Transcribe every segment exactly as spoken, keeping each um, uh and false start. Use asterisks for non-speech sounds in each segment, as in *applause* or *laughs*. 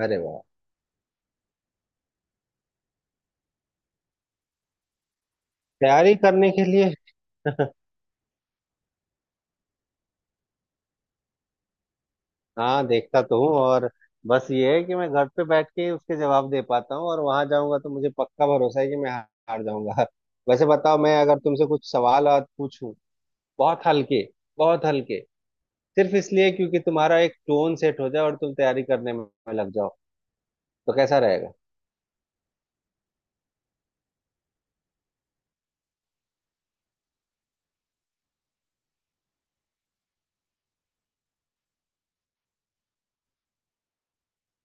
अरे वाह। तैयारी करने के लिए हाँ, देखता तो हूँ। और बस ये है कि मैं घर पे बैठ के उसके जवाब दे पाता हूँ और वहां जाऊंगा तो मुझे पक्का भरोसा है कि मैं हार जाऊंगा। *laughs* वैसे बताओ, मैं अगर तुमसे कुछ सवाल आज पूछूं बहुत हल्के, बहुत हल्के, सिर्फ इसलिए क्योंकि तुम्हारा एक टोन सेट हो जाए और तुम तैयारी करने में लग जाओ, तो कैसा रहेगा?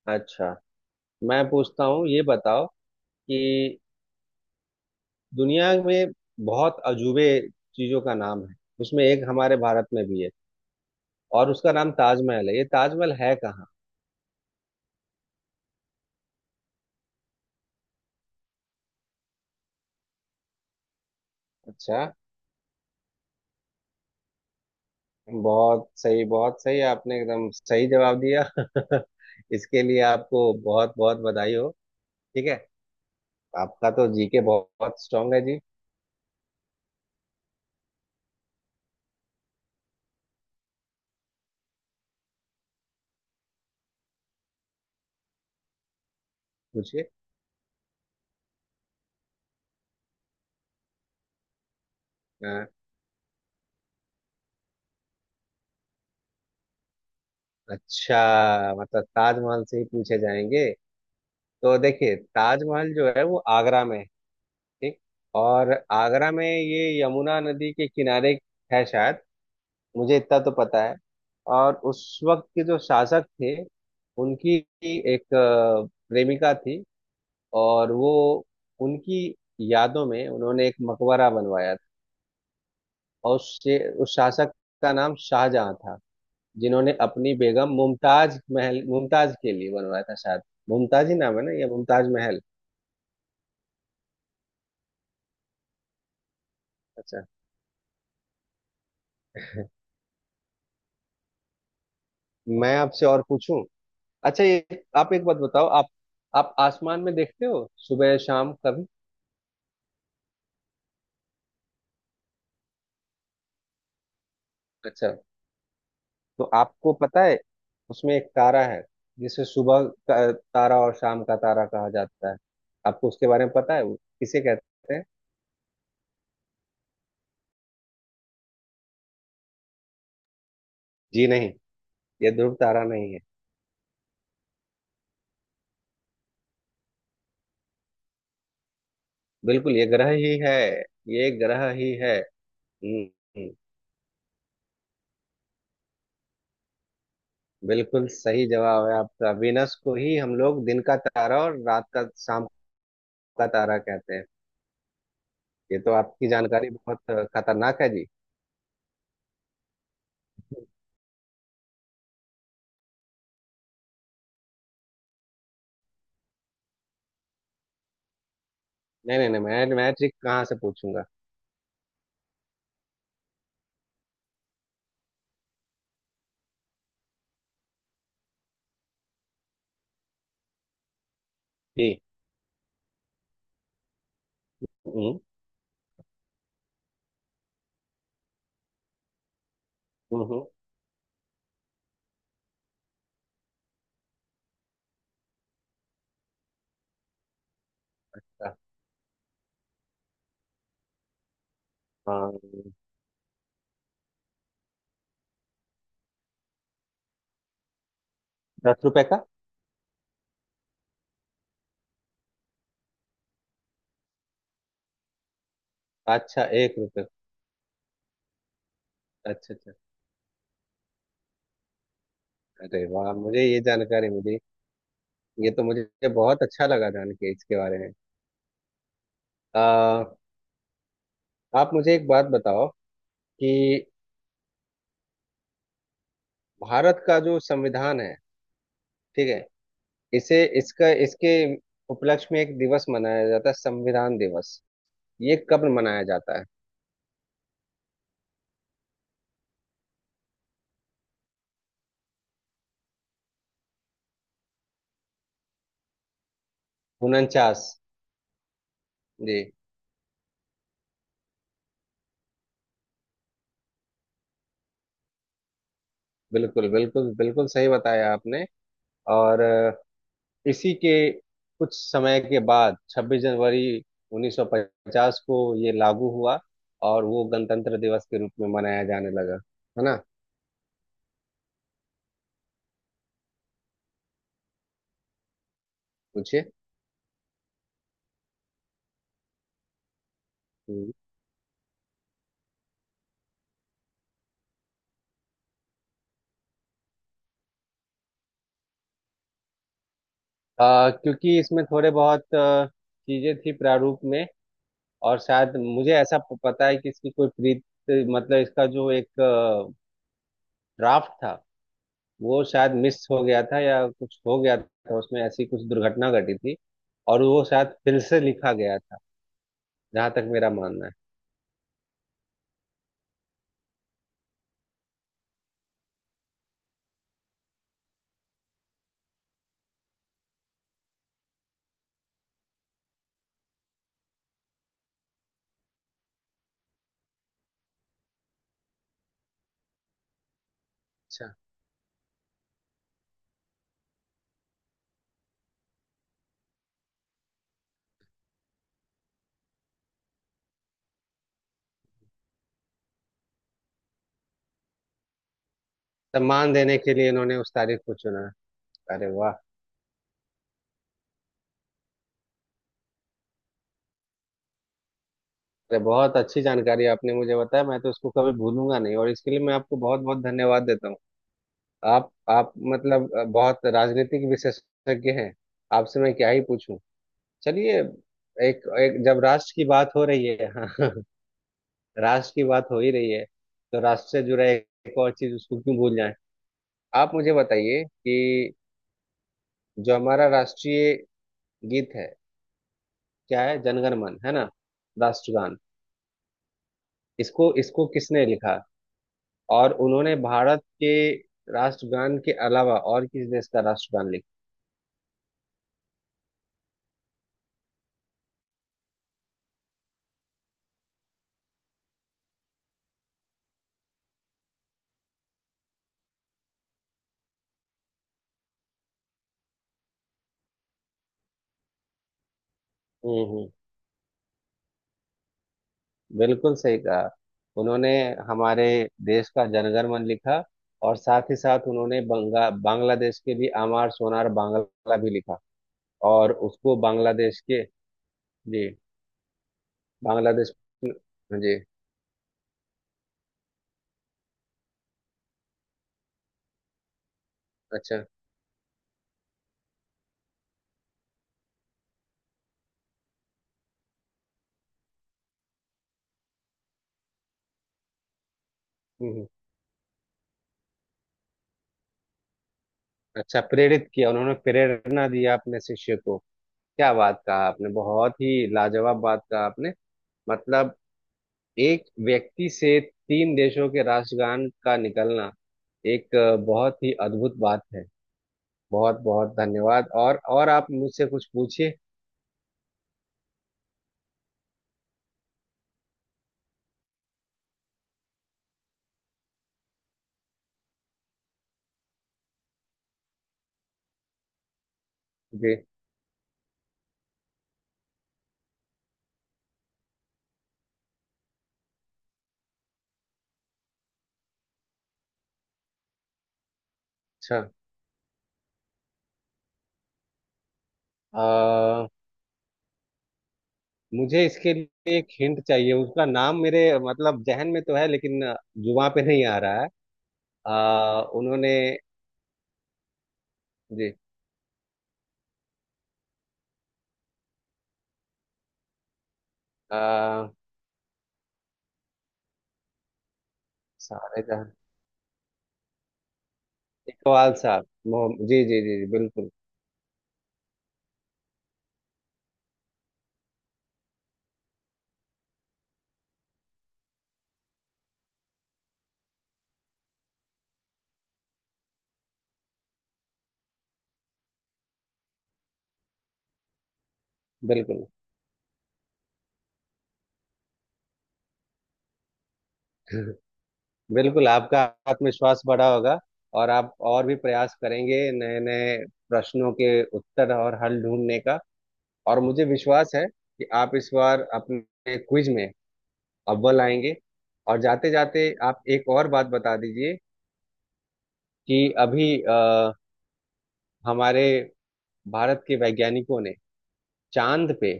अच्छा, मैं पूछता हूँ, ये बताओ कि दुनिया में बहुत अजूबे चीजों का नाम है। उसमें एक हमारे भारत में भी है और उसका नाम ताजमहल है। ये ताजमहल है कहाँ? अच्छा, बहुत सही, बहुत सही, आपने एकदम सही जवाब दिया। *laughs* इसके लिए आपको बहुत बहुत बधाई हो। ठीक है। आपका तो जीके बहुत, बहुत स्ट्रांग है जी। पूछिए। अ, अच्छा, मतलब ताजमहल से ही पूछे जाएंगे। तो देखिए, ताजमहल जो है वो आगरा में है। ठीक। और आगरा में ये यमुना नदी के किनारे है शायद। मुझे इतना तो पता है। और उस वक्त के जो शासक थे, उनकी एक अ, प्रेमिका थी। और वो उनकी यादों में उन्होंने एक मकबरा बनवाया था। और उस उस शासक का नाम शाहजहां था, जिन्होंने अपनी बेगम मुमताज महल मुमताज के लिए बनवाया था शायद। मुमताज ही नाम है ना, या मुमताज महल? अच्छा, मैं आपसे और पूछूं। अच्छा, ये आप एक बात बताओ, आप आप आसमान में देखते हो सुबह शाम कभी? अच्छा, तो आपको पता है, उसमें एक तारा है जिसे सुबह का तारा और शाम का तारा कहा जाता है? आपको उसके बारे में पता है, वो किसे कहते हैं? जी नहीं, ये ध्रुव तारा नहीं है। बिल्कुल, ये ग्रह ही है। ये ग्रह ही है। हम्म हम्म, बिल्कुल सही जवाब है आपका। वीनस को ही हम लोग दिन का तारा और रात का शाम का तारा कहते हैं। ये तो आपकी जानकारी बहुत खतरनाक है जी। नहीं नहीं नहीं, मैं मैं ट्रिक कहाँ से पूछूंगा? जी। हम्म हम्म हम्म, हाँ, दस रुपए का। अच्छा, एक रुपये। अच्छा, अच्छा। अरे वाह, मुझे ये जानकारी मिली। ये तो मुझे बहुत अच्छा लगा जान के इसके बारे में। आ, आप मुझे एक बात बताओ कि भारत का जो संविधान है, ठीक है, इसे इसका इसके उपलक्ष्य में एक दिवस मनाया जाता है, संविधान दिवस। ये कब मनाया जाता है? उनचास। जी, बिल्कुल बिल्कुल बिल्कुल सही बताया आपने। और इसी के कुछ समय के बाद छब्बीस जनवरी उन्नीस सौ पचास को ये लागू हुआ, और वो गणतंत्र दिवस के रूप में मनाया जाने लगा, है ना? पूछिए। हम्म। आ, क्योंकि इसमें थोड़े बहुत आ, चीजें थी प्रारूप में। और शायद मुझे ऐसा प- पता है कि इसकी कोई प्रीत, मतलब इसका जो एक ड्राफ्ट था, वो शायद मिस हो गया था या कुछ हो गया था। उसमें ऐसी कुछ दुर्घटना घटी थी और वो शायद फिर से लिखा गया था, जहां तक मेरा मानना है। अच्छा। सम्मान देने के लिए इन्होंने उस तारीख को चुना। अरे वाह, अरे बहुत अच्छी जानकारी आपने मुझे बताया। मैं तो इसको कभी भूलूंगा नहीं, और इसके लिए मैं आपको बहुत बहुत धन्यवाद देता हूँ। आप आप मतलब अ, बहुत राजनीतिक विशेषज्ञ हैं। आपसे मैं क्या ही पूछूं। चलिए। एक एक जब राष्ट्र की बात हो रही है *laughs* हाँ, राष्ट्र की बात हो ही रही है, तो राष्ट्र से जुड़ा एक एक और चीज उसको क्यों भूल जाए। आप मुझे बताइए कि जो हमारा राष्ट्रीय गीत है, क्या है? जनगण मन है ना, राष्ट्रगान? इसको इसको किसने लिखा? और उन्होंने भारत के राष्ट्रगान के अलावा और किस देश का राष्ट्रगान लिखा? हम्म हम्म, बिल्कुल सही कहा उन्होंने। हमारे देश का जनगण मन लिखा, और साथ ही साथ उन्होंने बंगा बांग्लादेश के भी आमार सोनार बांग्ला भी लिखा। और उसको बांग्लादेश के जी, बांग्लादेश जी, अच्छा। हम्म हम्म, अच्छा, प्रेरित किया उन्होंने, प्रेरणा दिया अपने शिष्य को। क्या बात कहा आपने, बहुत ही लाजवाब बात कहा आपने। मतलब एक व्यक्ति से तीन देशों के राष्ट्रगान का निकलना एक अ, बहुत ही अद्भुत बात है। बहुत बहुत धन्यवाद, और और आप मुझसे कुछ पूछिए। जी, अच्छा, अ, मुझे इसके लिए एक हिंट चाहिए। उसका नाम मेरे, मतलब जहन में तो है, लेकिन अ, जुबां पे नहीं आ रहा है। अ, उन्होंने जी अ, सारे जहां, इकबाल साहब, मोहम्मद जी जी जी जी, बिल्कुल बिल्कुल। *laughs* बिल्कुल, आपका आत्मविश्वास बढ़ा होगा, और आप और भी प्रयास करेंगे नए नए प्रश्नों के उत्तर और हल ढूंढने का। और मुझे विश्वास है कि आप इस बार अपने क्विज में अव्वल आएंगे। और जाते जाते आप एक और बात बता दीजिए कि अभी अ, हमारे भारत के वैज्ञानिकों ने चांद पे,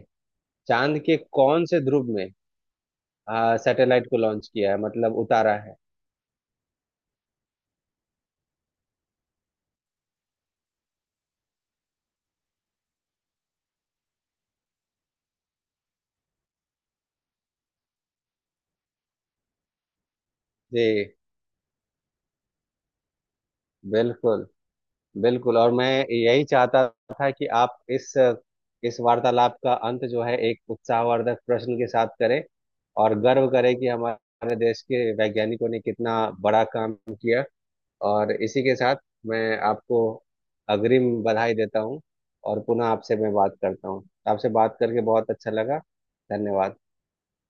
चांद के कौन से ध्रुव में अ, सैटेलाइट को लॉन्च किया है, मतलब उतारा है? जी, बिल्कुल बिल्कुल। और मैं यही चाहता था कि आप इस इस वार्तालाप का अंत जो है, एक उत्साहवर्धक प्रश्न के साथ करें, और गर्व करें कि हमारे देश के वैज्ञानिकों ने कितना बड़ा काम किया। और इसी के साथ मैं आपको अग्रिम बधाई देता हूँ, और पुनः आपसे मैं बात करता हूँ। आपसे बात करके बहुत अच्छा लगा। धन्यवाद।